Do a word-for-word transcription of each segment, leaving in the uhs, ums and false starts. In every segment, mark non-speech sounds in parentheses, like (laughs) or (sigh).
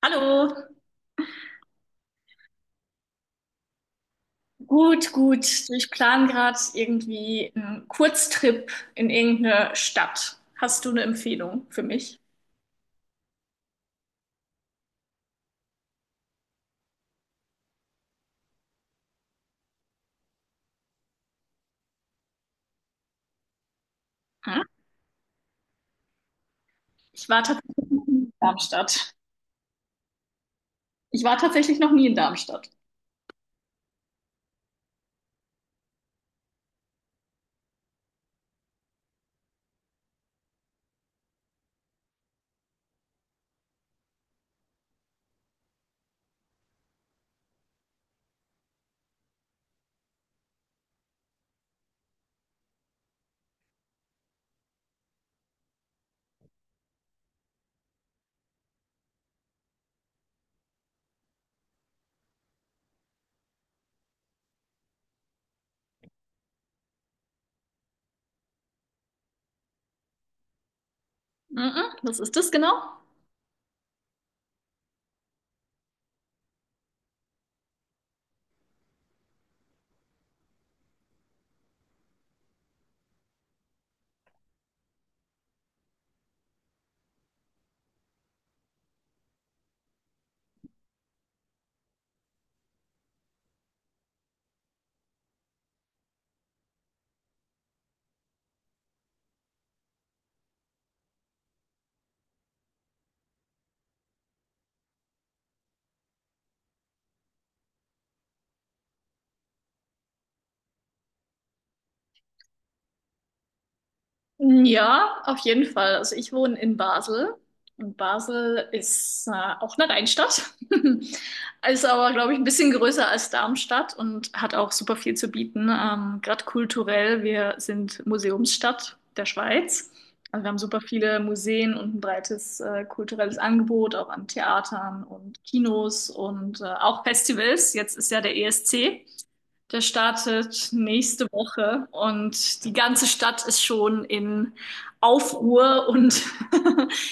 Hallo, gut, gut. Ich plane gerade irgendwie einen Kurztrip in irgendeine Stadt. Hast du eine Empfehlung für mich? Hm? Ich war tatsächlich noch nie in Darmstadt. Ich war tatsächlich noch nie in Darmstadt. Mhm. Was ist das genau? Ja, auf jeden Fall. Also ich wohne in Basel und Basel ist äh, auch eine Rheinstadt, (laughs) ist aber, glaube ich, ein bisschen größer als Darmstadt und hat auch super viel zu bieten. Ähm, gerade kulturell, wir sind Museumsstadt der Schweiz. Also wir haben super viele Museen und ein breites äh, kulturelles Angebot, auch an Theatern und Kinos und äh, auch Festivals. Jetzt ist ja der E S C. Der startet nächste Woche und die ganze Stadt ist schon in Aufruhr und (laughs)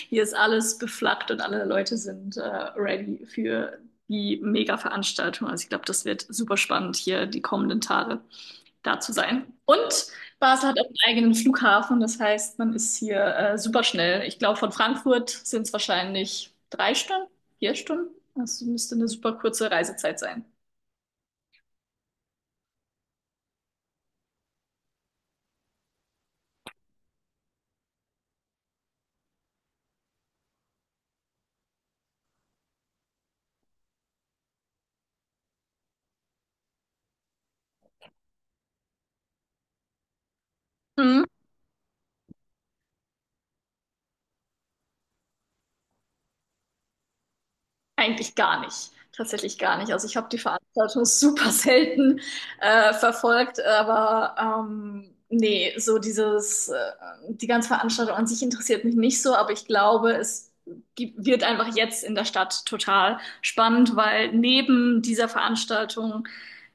hier ist alles beflaggt und alle Leute sind äh, ready für die Mega-Veranstaltung. Also ich glaube, das wird super spannend, hier die kommenden Tage da zu sein. Und Basel hat auch einen eigenen Flughafen, das heißt, man ist hier äh, super schnell. Ich glaube, von Frankfurt sind es wahrscheinlich drei Stunden, vier Stunden. Das müsste eine super kurze Reisezeit sein. Mhm. Eigentlich gar nicht. Tatsächlich gar nicht. Also ich habe die Veranstaltung (laughs) super selten äh, verfolgt, aber ähm, nee, so dieses, äh, die ganze Veranstaltung an sich interessiert mich nicht so, aber ich glaube, es gibt, wird einfach jetzt in der Stadt total spannend, weil neben dieser Veranstaltung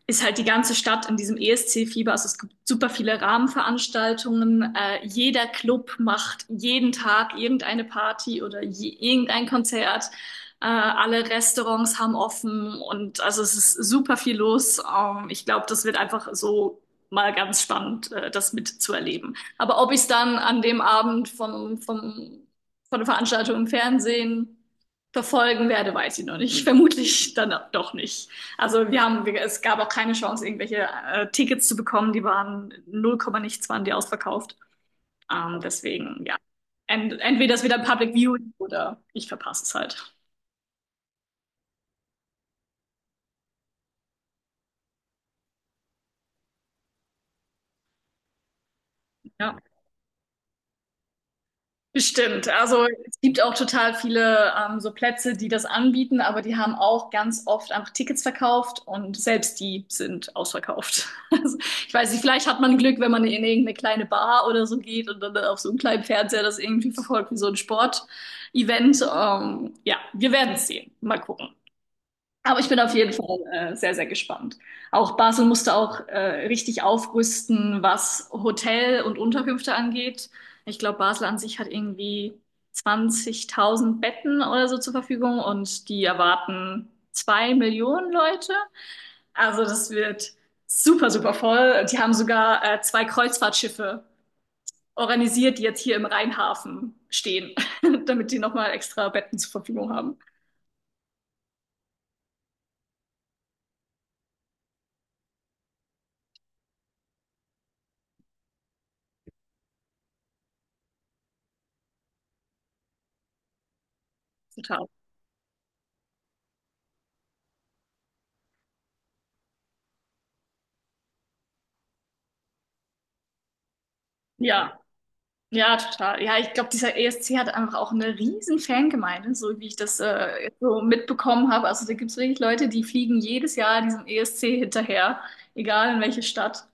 ist halt die ganze Stadt in diesem E S C-Fieber. Also es gibt super viele Rahmenveranstaltungen. Äh, jeder Club macht jeden Tag irgendeine Party oder je, irgendein Konzert. Äh, alle Restaurants haben offen und also es ist super viel los. Ähm, ich glaube, das wird einfach so mal ganz spannend, äh, das mitzuerleben. Aber ob ich es dann an dem Abend vom, vom, von der Veranstaltung im Fernsehen verfolgen werde, weiß ich noch nicht. Vermutlich dann doch nicht. Also wir haben, wir- es gab auch keine Chance, irgendwelche äh, Tickets zu bekommen. Die waren null, nichts waren die ausverkauft. Ähm, deswegen, ja. Ent, entweder es wieder ein Public Viewing oder ich verpasse es halt. Ja. Bestimmt. Also es gibt auch total viele ähm, so Plätze, die das anbieten, aber die haben auch ganz oft einfach Tickets verkauft und selbst die sind ausverkauft. (laughs) Also, ich weiß nicht, vielleicht hat man Glück, wenn man in irgendeine kleine Bar oder so geht und dann auf so einem kleinen Fernseher das irgendwie verfolgt wie so ein Sportevent. Ähm, ja, wir werden es sehen. Mal gucken. Aber ich bin auf jeden Fall äh, sehr, sehr gespannt. Auch Basel musste auch äh, richtig aufrüsten, was Hotel und Unterkünfte angeht. Ich glaube, Basel an sich hat irgendwie zwanzigtausend Betten oder so zur Verfügung und die erwarten zwei Millionen Leute. Also das wird super, super voll. Die haben sogar äh, zwei Kreuzfahrtschiffe organisiert, die jetzt hier im Rheinhafen stehen, (laughs) damit die nochmal extra Betten zur Verfügung haben. Total. Ja. Ja, total. Ja, ich glaube, dieser E S C hat einfach auch eine riesen Fangemeinde, so wie ich das äh, jetzt so mitbekommen habe. Also da gibt es wirklich Leute, die fliegen jedes Jahr diesem E S C hinterher, egal in welche Stadt.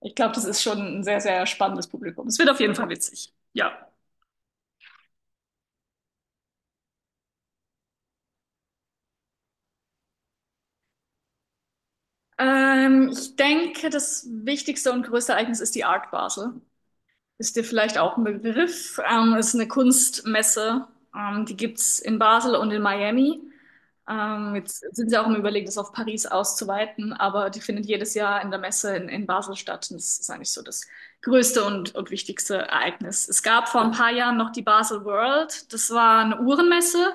Ich glaube, das ist schon ein sehr, sehr spannendes Publikum. Es wird auf jeden Fall witzig. Ja. Ähm, ich denke, das wichtigste und größte Ereignis ist die Art Basel. Ist dir vielleicht auch ein Begriff. Ähm, ist eine Kunstmesse. Ähm, die gibt's in Basel und in Miami. Ähm, jetzt sind sie auch im Überlegen, das auf Paris auszuweiten, aber die findet jedes Jahr in der Messe in, in Basel statt. Und das ist eigentlich so das größte und, und wichtigste Ereignis. Es gab vor ein paar Jahren noch die Basel World. Das war eine Uhrenmesse,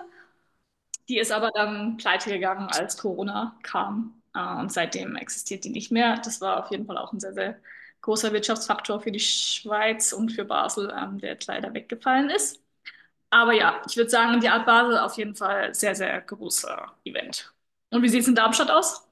die ist aber dann pleite gegangen, als Corona kam. Äh, und seitdem existiert die nicht mehr. Das war auf jeden Fall auch ein sehr, sehr großer Wirtschaftsfaktor für die Schweiz und für Basel, ähm, der jetzt leider weggefallen ist. Aber ja, ich würde sagen, die Art Basel auf jeden Fall sehr, sehr großer Event. Und wie sieht es in Darmstadt aus?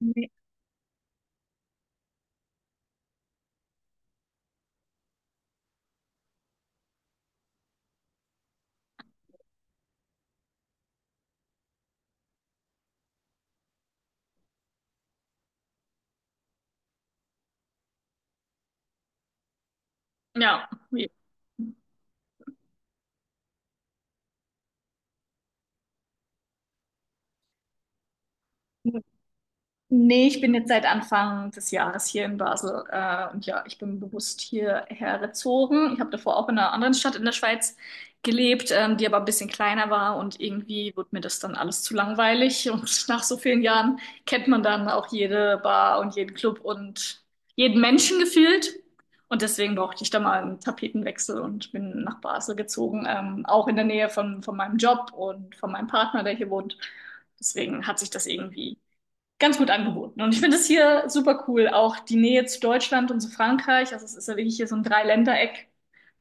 Nee. Ja, wie? Nee, ich bin jetzt seit Anfang des Jahres hier in Basel. Äh, und ja, ich bin bewusst hierher gezogen. Ich habe davor auch in einer anderen Stadt in der Schweiz gelebt, ähm, die aber ein bisschen kleiner war. Und irgendwie wurde mir das dann alles zu langweilig. (laughs) Und nach so vielen Jahren kennt man dann auch jede Bar und jeden Club und jeden Menschen gefühlt. Und deswegen brauchte ich da mal einen Tapetenwechsel und bin nach Basel gezogen, ähm, auch in der Nähe von, von meinem Job und von meinem Partner, der hier wohnt. Deswegen hat sich das irgendwie ganz gut angeboten. Und ich finde es hier super cool, auch die Nähe zu Deutschland und zu Frankreich. Also es ist ja wirklich hier so ein Dreiländereck.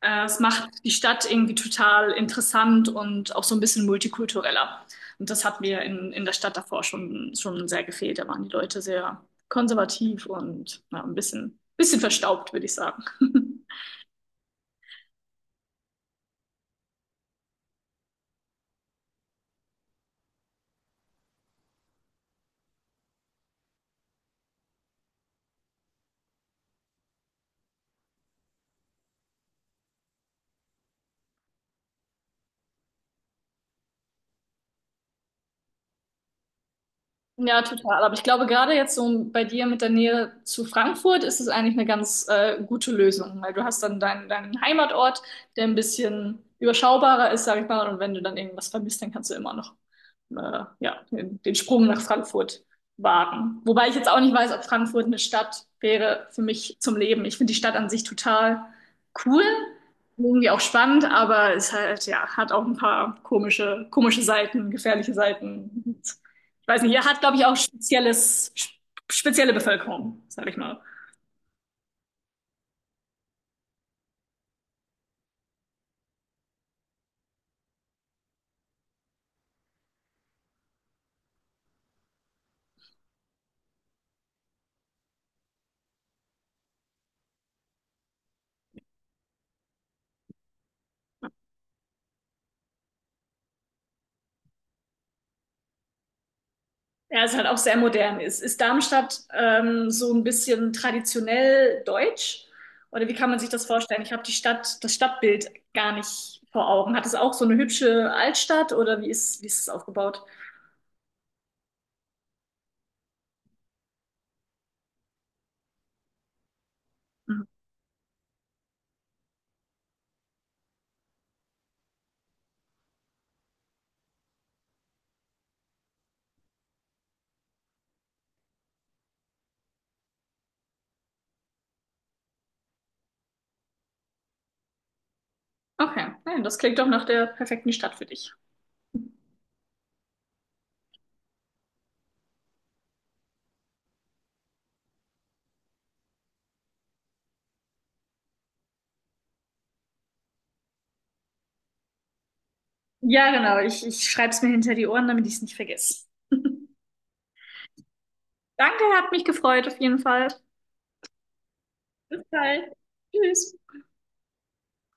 Äh, es macht die Stadt irgendwie total interessant und auch so ein bisschen multikultureller. Und das hat mir in, in der Stadt davor schon, schon sehr gefehlt. Da waren die Leute sehr konservativ und ja, ein bisschen, bisschen verstaubt, würde ich sagen. (laughs) Ja, total. Aber ich glaube, gerade jetzt so bei dir mit der Nähe zu Frankfurt ist es eigentlich eine ganz äh, gute Lösung, weil du hast dann deinen, deinen Heimatort, der ein bisschen überschaubarer ist, sag ich mal. Und wenn du dann irgendwas vermisst, dann kannst du immer noch äh, ja, den, den Sprung nach Frankfurt wagen. Wobei ich jetzt auch nicht weiß, ob Frankfurt eine Stadt wäre für mich zum Leben. Ich finde die Stadt an sich total cool, irgendwie auch spannend, aber es halt, ja, hat auch ein paar komische, komische Seiten, gefährliche Seiten. Ich weiß nicht, er hat, glaube ich, auch spezielles, spezielle Bevölkerung, sage ich mal. Er ist halt auch sehr modern. Ist, ist Darmstadt ähm, so ein bisschen traditionell deutsch? Oder wie kann man sich das vorstellen? Ich habe die Stadt, das Stadtbild gar nicht vor Augen. Hat es auch so eine hübsche Altstadt oder wie ist, wie ist es aufgebaut? Mhm. Okay, nein, das klingt doch nach der perfekten Stadt für dich. Ja, genau. Ich, ich schreibe es mir hinter die Ohren, damit ich es nicht vergesse. Danke, hat mich gefreut auf jeden Fall. Bis bald. Tschüss.